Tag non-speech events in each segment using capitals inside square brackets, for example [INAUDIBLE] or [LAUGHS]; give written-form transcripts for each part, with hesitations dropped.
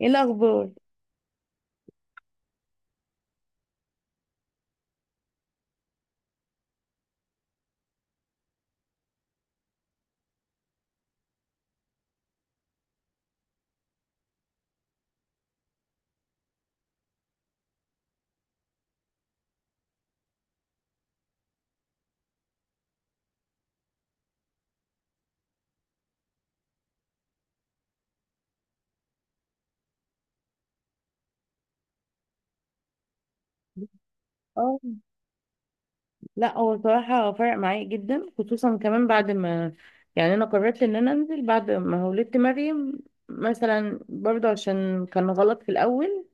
ايه الاخبار؟ اه. لا هو صراحه فرق معايا جدا، خصوصا كمان بعد ما يعني انا قررت ان انا انزل بعد ما ولدت مريم. مثلا برضه عشان كان غلط في الاول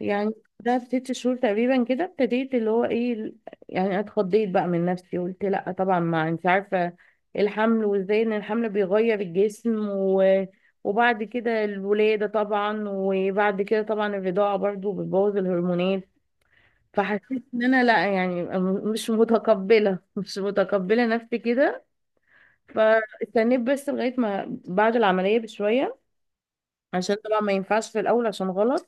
يعني. ده في 6 شهور تقريبا كده ابتديت اللي هو ايه يعني اتخضيت بقى من نفسي. قلت لا طبعا ما انت عارفه، الحمل وازاي ان الحمل بيغير الجسم وبعد كده الولاده طبعا، وبعد كده طبعا الرضاعه برضه بتبوظ الهرمونات. فحسيت ان انا لا يعني مش متقبله نفسي كده. فاستنيت بس لغايه ما بعد العمليه بشويه، عشان طبعا ما ينفعش في الاول عشان غلط.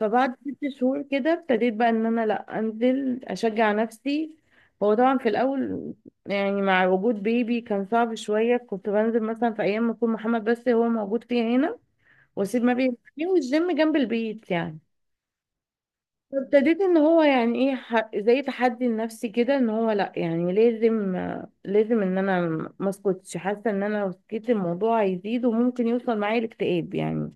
فبعد 6 شهور كده ابتديت بقى ان انا لا انزل اشجع نفسي. هو طبعا في الاول يعني مع وجود بيبي كان صعب شويه، كنت بنزل مثلا في ايام ما يكون محمد بس هو موجود فيها هنا واسيب ما بيه، والجيم جنب البيت يعني. فابتديت ان هو يعني ايه زي تحدي لنفسي كده، ان هو لا يعني لازم لازم ان انا ما اسكتش. حاسه ان انا لو سكت الموضوع هيزيد وممكن يوصل معايا الاكتئاب يعني.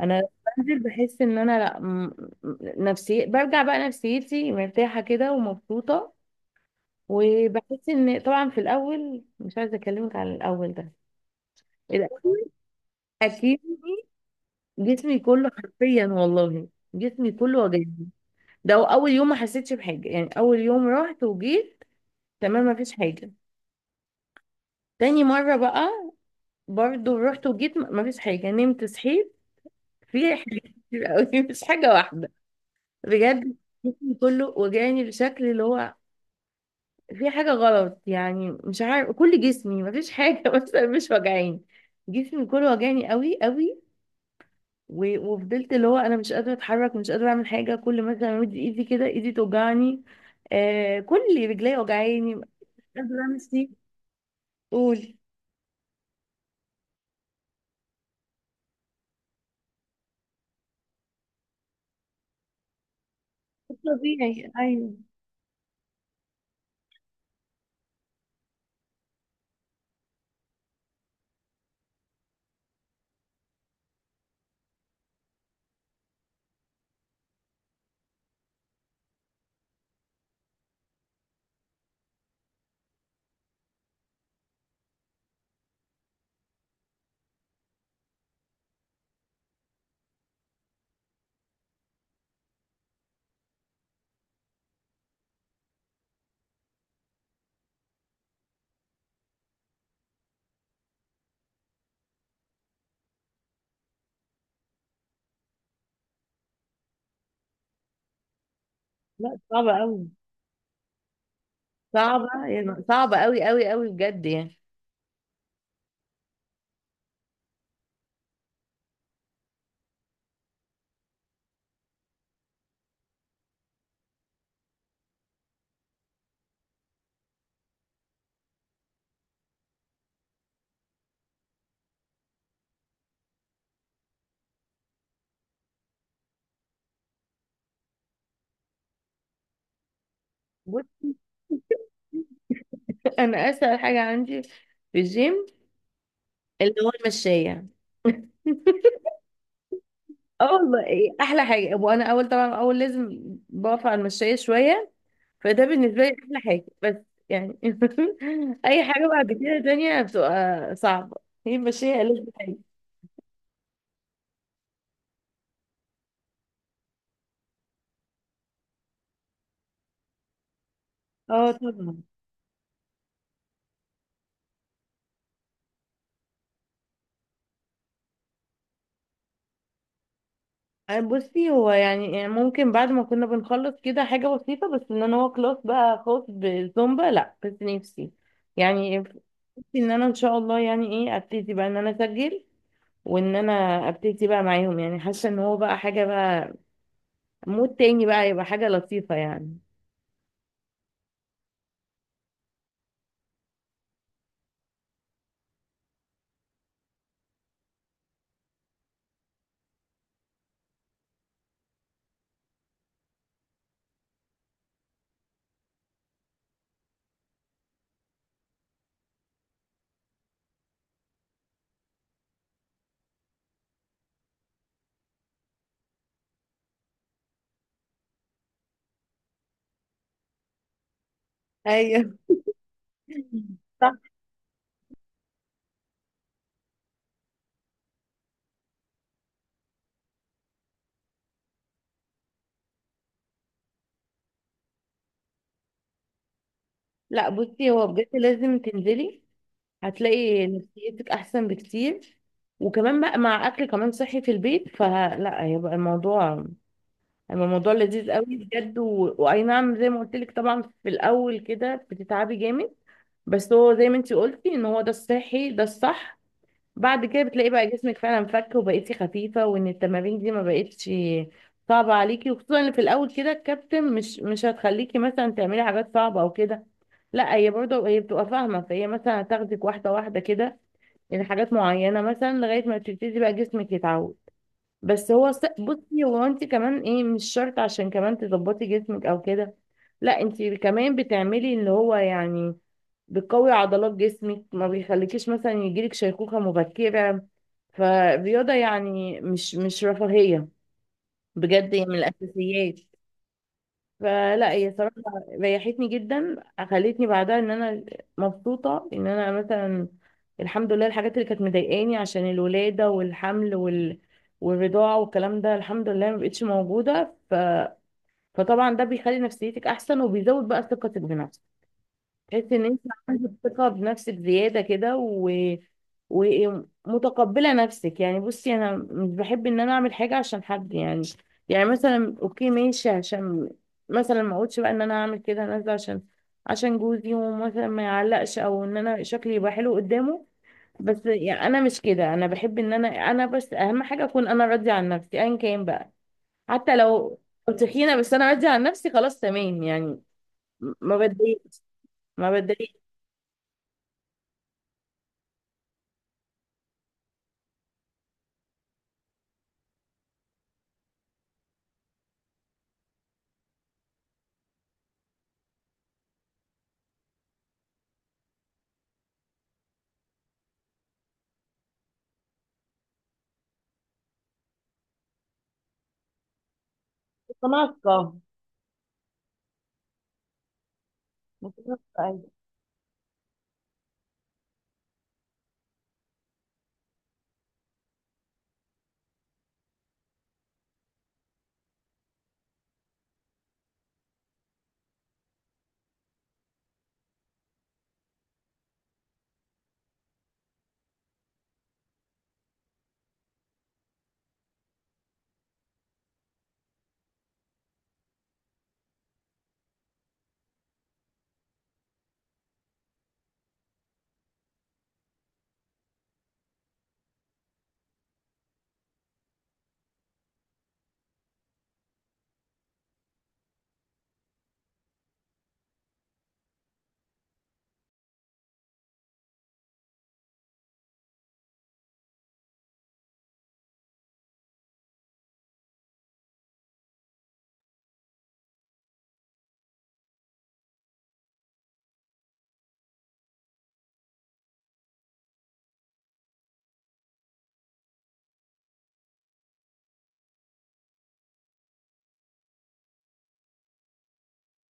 انا بنزل بحس ان انا لا نفسي برجع بقى نفسيتي مرتاحه كده ومبسوطه. وبحس ان طبعا في الاول مش عايزه اكلمك على الاول ده، الاول اكيد جسمي كله حرفيا والله، جسمي كله وجعني. ده اول يوم ما حسيتش بحاجه، يعني اول يوم رحت وجيت تمام مفيش حاجة. تاني مرة بقى برضو رحت وجيت، مفيش حاجة، نمت صحيت. في حاجات كتير قوي [LAUGHS] مش حاجة واحدة بجد. جسمي كله وجعني بشكل اللي هو في حاجة غلط، يعني مش عارف، كل جسمي مفيش حاجة [LAUGHS] مثلا مش وجعاني. جسمي كله وجعني قوي قوي. وفضلت اللي هو انا مش قادرة اتحرك، مش قادرة اعمل حاجة، كل مثلا امد ايدي كده ايدي توجعني، آه كل رجلي وجعاني مش قادرة امشي. قولي. طبيعي ايوه. لا صعبة قوي. صعبة يعني، صعبة أوي أوي أوي بجد يعني. بص، أنا أسهل حاجة عندي في الجيم اللي هو المشاية. اه والله إيه، أحلى حاجة. وأنا أول طبعا أول لازم بقف على المشاية شوية، فده بالنسبة لي أحلى حاجة. بس يعني [LAUGHS] أي حاجة بعد كده تانية بتبقى صعبة. هي المشاية ألذ حاجة. اه طبعا. آه، بصي هو يعني ممكن بعد ما كنا بنخلص كده حاجة بسيطة، بس ان انا هو كلاس بقى خاص بالزومبا لا، بس نفسي يعني، نفسي ان انا ان شاء الله يعني ايه ابتدي بقى ان انا اسجل وان انا ابتدي بقى معاهم. يعني حاسة ان هو بقى حاجة بقى، مود تاني بقى، يبقى حاجة لطيفة يعني. ايوه [LAUGHS] صح. لا بصي هو بجد لازم تنزلي، هتلاقي نفسيتك احسن بكتير. وكمان بقى مع اكل كمان صحي في البيت، فلا هيبقى الموضوع، أما الموضوع لذيذ قوي بجد. واي نعم، زي ما قلت لك طبعا في الاول كده بتتعبي جامد، بس هو زي ما انتي قلتي ان هو ده الصحي، ده الصح. بعد كده بتلاقي بقى جسمك فعلا فك، وبقيتي خفيفة، وان التمارين دي ما بقتش صعبة عليكي. وخصوصا ان في الاول كده الكابتن مش هتخليكي مثلا تعملي حاجات صعبة او كده. لا هي برضه هي بتبقى فاهمة، فهي مثلا هتاخدك واحدة واحدة كده لحاجات معينة، مثلا لغاية ما تبتدي بقى جسمك يتعود. بس هو بصي هو انت كمان ايه، مش شرط عشان كمان تظبطي جسمك او كده. لا انت كمان بتعملي اللي هو يعني بتقوي عضلات جسمك، ما بيخليكيش مثلا يجيلك شيخوخة مبكرة. فالرياضة يعني مش رفاهية، بجد هي من الأساسيات. فلا هي صراحة ريحتني جدا، خلتني بعدها ان انا مبسوطة ان انا مثلا الحمد لله الحاجات اللي كانت مضايقاني عشان الولادة والحمل والرضاعة والكلام ده الحمد لله ما بقتش موجودة. فطبعا ده بيخلي نفسيتك احسن، وبيزود بقى ثقتك بنفسك، تحس ان انت عندك ثقه بنفسك زياده كده، و... ومتقبله نفسك. يعني بصي انا مش بحب ان انا اعمل حاجه عشان حد، يعني يعني مثلا اوكي ماشي، عشان مثلا ما اقولش بقى ان انا هعمل كده، انا نازله عشان جوزي، ومثلا ما يعلقش، او ان انا شكلي يبقى حلو قدامه. بس يعني انا مش كده، انا بحب ان انا بس اهم حاجه اكون انا راضيه عن نفسي ايا كان بقى، حتى لو تخينه بس انا راضيه عن نفسي، خلاص تمام يعني، ما بتضايقش، ما بتضايقش. متناقضة، متناقضة أيوة.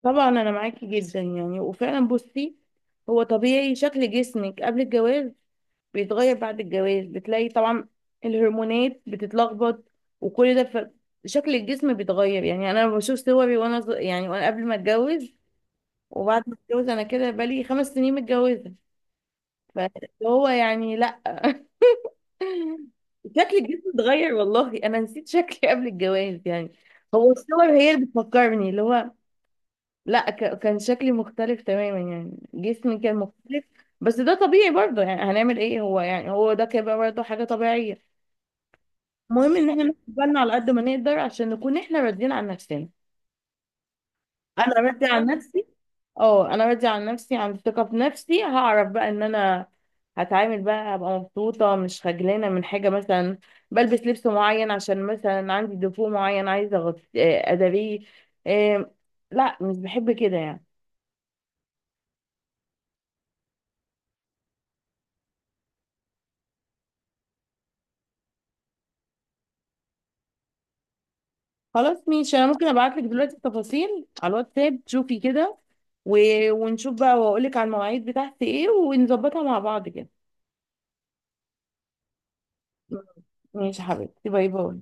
طبعا أنا معاكي جدا يعني، وفعلا بصي هو طبيعي شكل جسمك قبل الجواز بيتغير بعد الجواز، بتلاقي طبعا الهرمونات بتتلخبط وكل ده. شكل الجسم بيتغير، يعني أنا بشوف صوري وأنا يعني وأنا قبل ما أتجوز وبعد ما أتجوز. أنا كده بقالي 5 سنين متجوزة، فهو يعني لأ [LAUGHS] شكل الجسم اتغير والله. أنا نسيت شكلي قبل الجواز يعني، هو الصور هي اللي بتفكرني اللي هو، لا كان شكلي مختلف تماما يعني، جسمي كان مختلف. بس ده طبيعي برضه، يعني هنعمل ايه، هو يعني هو ده كده برضه حاجة طبيعية. المهم ان احنا ناخد بالنا على قد ما نقدر عشان نكون احنا راضيين عن نفسنا. انا راضية عن نفسي. اه انا راضية عن نفسي، عندي ثقة في نفسي، هعرف بقى ان انا هتعامل بقى ابقى مبسوطة، مش خجلانة من حاجة، مثلا بلبس لبس معين عشان مثلا عندي دفوع معين عايزة اداريه. آه، لا مش بحب كده يعني. خلاص ماشي، انا ممكن ابعت لك دلوقتي التفاصيل على الواتساب تشوفي كده، و... ونشوف بقى واقول لك على المواعيد بتاعتي ايه، ونظبطها مع بعض كده. مم. ماشي يا حبيبتي، باي باي.